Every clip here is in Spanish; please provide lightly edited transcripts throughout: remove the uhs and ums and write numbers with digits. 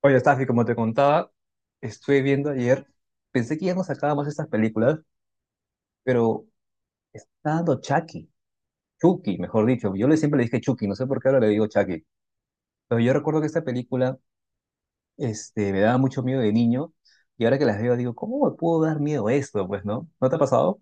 Oye, Stafi, como te contaba, estuve viendo ayer, pensé que ya no sacábamos estas películas, pero está dando Chucky, Chucky, mejor dicho. Yo le siempre le dije Chucky, no sé por qué ahora le digo Chucky. Pero yo recuerdo que esta película, me daba mucho miedo de niño, y ahora que las veo digo, ¿cómo me pudo dar miedo esto? Pues, ¿no? ¿No te ha pasado?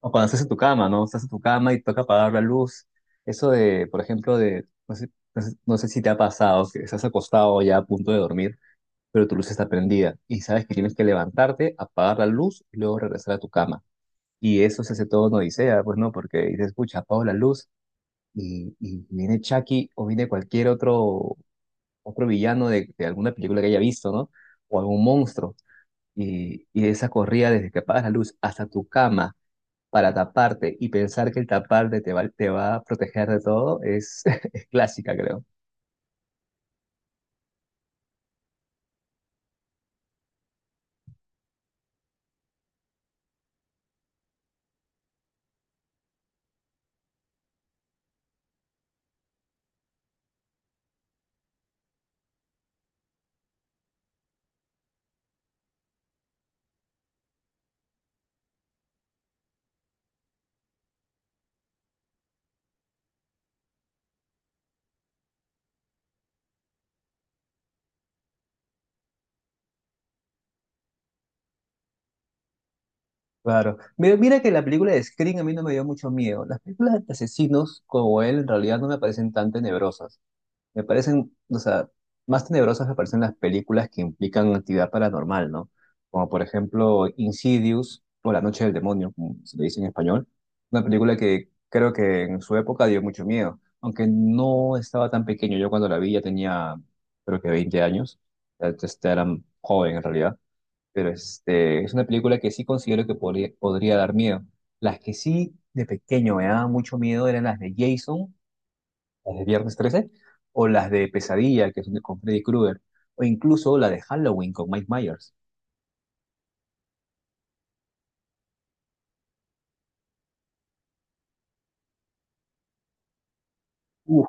O cuando estás en tu cama, ¿no? Estás en tu cama y toca apagar la luz. Eso de, por ejemplo, no sé si te ha pasado, que estás acostado ya a punto de dormir pero tu luz está prendida y sabes que tienes que levantarte, apagar la luz y luego regresar a tu cama. Y eso se hace todo en Odisea, pues no, porque dices, escucha apago la luz y viene Chucky o viene cualquier otro villano de alguna película que haya visto, ¿no? O algún monstruo. Y esa corrida desde que apagas la luz hasta tu cama para taparte y pensar que el taparte te va a proteger de todo es, es clásica, creo. Claro. Mira, mira que la película de Scream a mí no me dio mucho miedo. Las películas de asesinos como él en realidad no me parecen tan tenebrosas. O sea, más tenebrosas me parecen las películas que implican actividad paranormal, ¿no? Como por ejemplo Insidious o La Noche del Demonio, como se le dice en español. Una película que creo que en su época dio mucho miedo. Aunque no estaba tan pequeño. Yo cuando la vi ya tenía creo que 20 años. Era joven en realidad pero es una película que sí considero que podría dar miedo. Las que sí de pequeño me daban mucho miedo eran las de Jason, las de Viernes 13, o las de Pesadilla, que son con Freddy Krueger, o incluso la de Halloween con Mike Myers. Uf,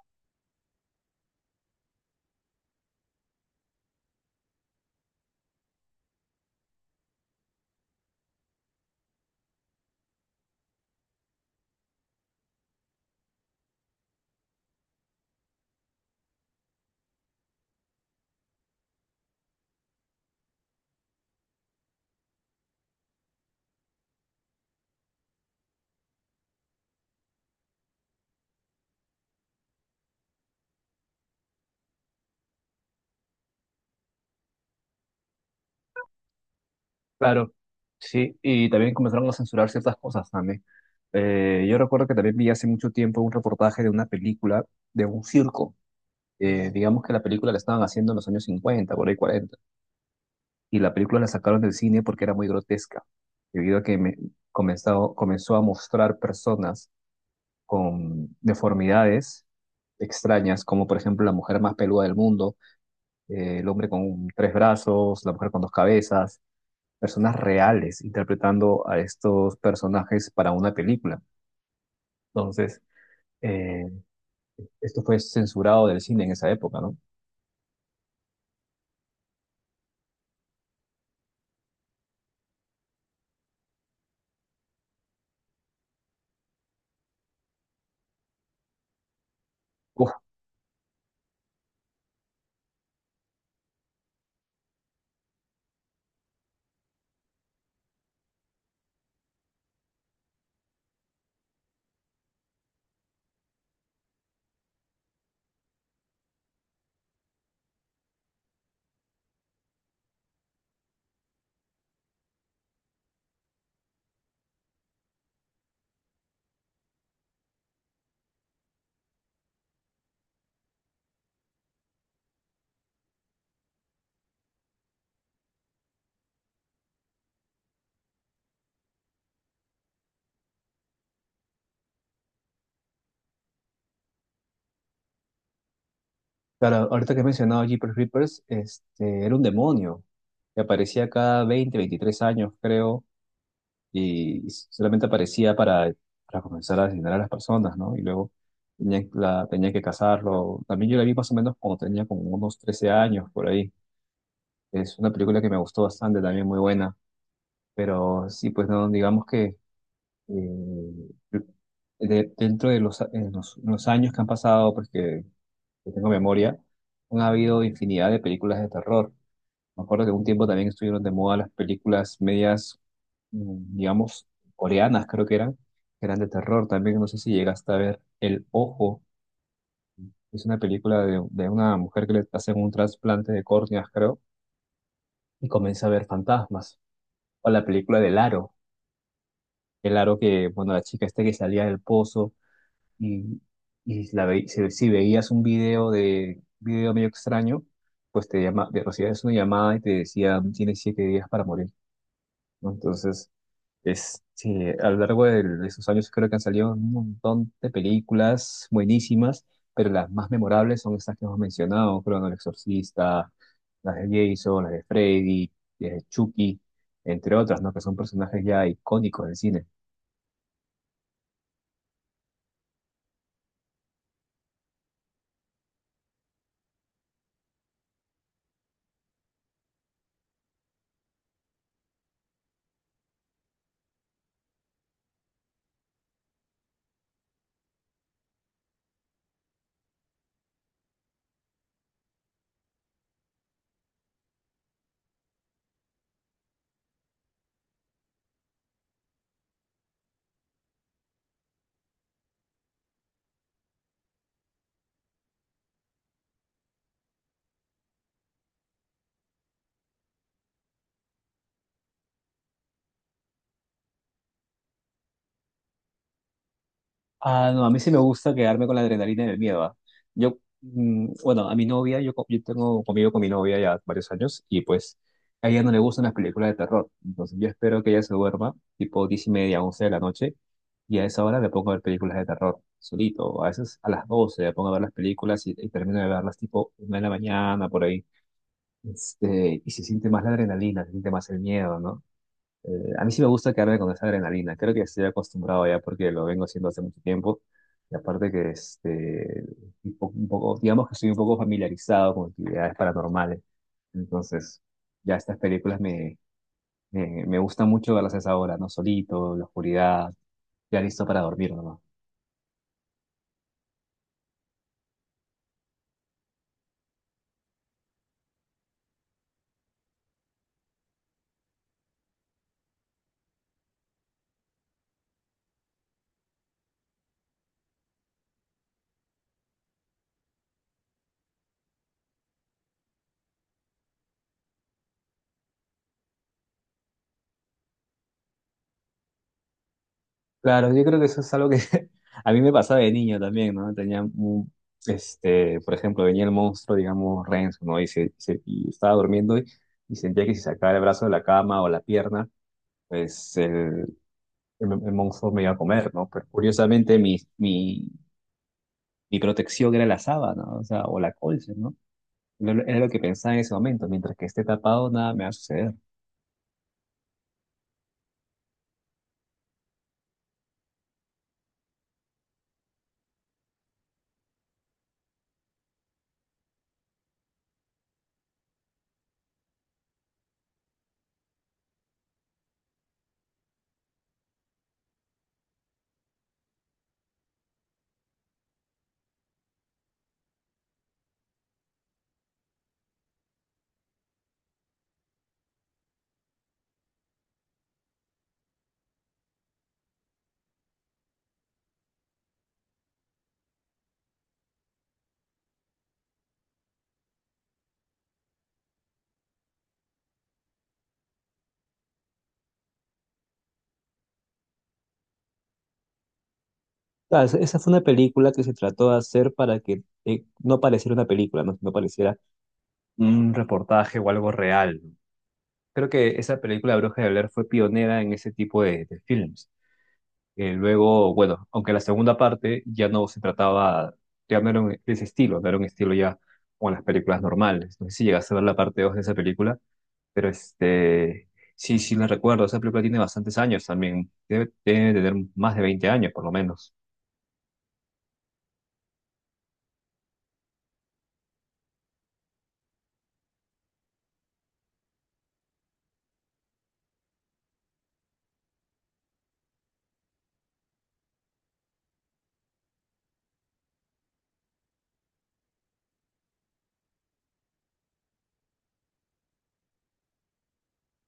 claro, sí, y también comenzaron a censurar ciertas cosas también. Yo recuerdo que también vi hace mucho tiempo un reportaje de una película de un circo. Digamos que la película la estaban haciendo en los años 50, por ahí 40. Y la película la sacaron del cine porque era muy grotesca, debido a que comenzó a mostrar personas con deformidades extrañas, como por ejemplo la mujer más peluda del mundo, el hombre con tres brazos, la mujer con dos cabezas, personas reales interpretando a estos personajes para una película. Entonces, eh, esto fue censurado del cine en esa época, ¿no? Uf, claro, ahorita que he mencionado a Jeepers Creepers, era un demonio que aparecía cada 20, 23 años, creo, y solamente aparecía para comenzar a asesinar a las personas, ¿no? Y luego tenía que cazarlo. También yo la vi más o menos cuando tenía como unos 13 años, por ahí. Es una película que me gustó bastante, también muy buena. Pero sí, pues no, digamos que eh, dentro de los, en los años que han pasado, porque que tengo memoria, han habido infinidad de películas de terror. Me acuerdo que un tiempo también estuvieron de moda las películas medias, digamos, coreanas, creo que eran de terror. También no sé si llegaste a ver El Ojo, es una película de una mujer que le hacen un trasplante de córneas, creo, y comienza a ver fantasmas. O la película del Aro, el Aro que, bueno, la chica esta que salía del pozo y, y si veías un video de video medio extraño, pues te llama, te recibías una llamada y te decía, tienes 7 días para morir, ¿no? Entonces, sí, a lo largo de esos años creo que han salido un montón de películas buenísimas, pero las más memorables son estas que hemos mencionado, creo, ¿no? El Exorcista, las de Jason, las de Freddy, las de Chucky, entre otras, ¿no? Que son personajes ya icónicos del cine. Ah, no, a mí sí me gusta quedarme con la adrenalina del miedo, ¿ah? Yo, bueno, a mi novia, yo tengo conmigo con mi novia ya varios años y pues a ella no le gustan las películas de terror. Entonces yo espero que ella se duerma tipo 10:30, 11 de la noche y a esa hora me pongo a ver películas de terror solito. A veces a las 12 me pongo a ver las películas y termino de verlas tipo 1 de la mañana por ahí. Y se siente más la adrenalina, se siente más el miedo, ¿no? A mí sí me gusta quedarme con esa adrenalina. Creo que estoy acostumbrado ya porque lo vengo haciendo hace mucho tiempo. Y aparte que un poco, digamos que estoy un poco familiarizado con actividades paranormales. Entonces, ya estas películas me gustan mucho verlas a esa hora, ¿no? Solito, en la oscuridad, ya listo para dormir, ¿no? Claro, yo creo que eso es algo que a mí me pasaba de niño también, ¿no? Tenía un, por ejemplo, venía el monstruo, digamos, Renzo, ¿no? Y estaba durmiendo y sentía que si sacaba el brazo de la cama o la pierna, pues el monstruo me iba a comer, ¿no? Pero curiosamente mi protección era la sábana, o sea, o la colcha, ¿no? Era lo que pensaba en ese momento, mientras que esté tapado, nada me va a suceder. Claro, esa fue una película que se trató de hacer para que no pareciera una película, ¿no? No pareciera un reportaje o algo real. Creo que esa película Bruja de Blair fue pionera en ese tipo de films. Luego, bueno, aunque la segunda parte ya no se trataba, ya no era de ese estilo, no era un estilo ya con las películas normales. No sé si llegaste a ver la parte 2 de esa película, pero sí, sí la recuerdo. Esa película tiene bastantes años también, debe tener más de 20 años por lo menos.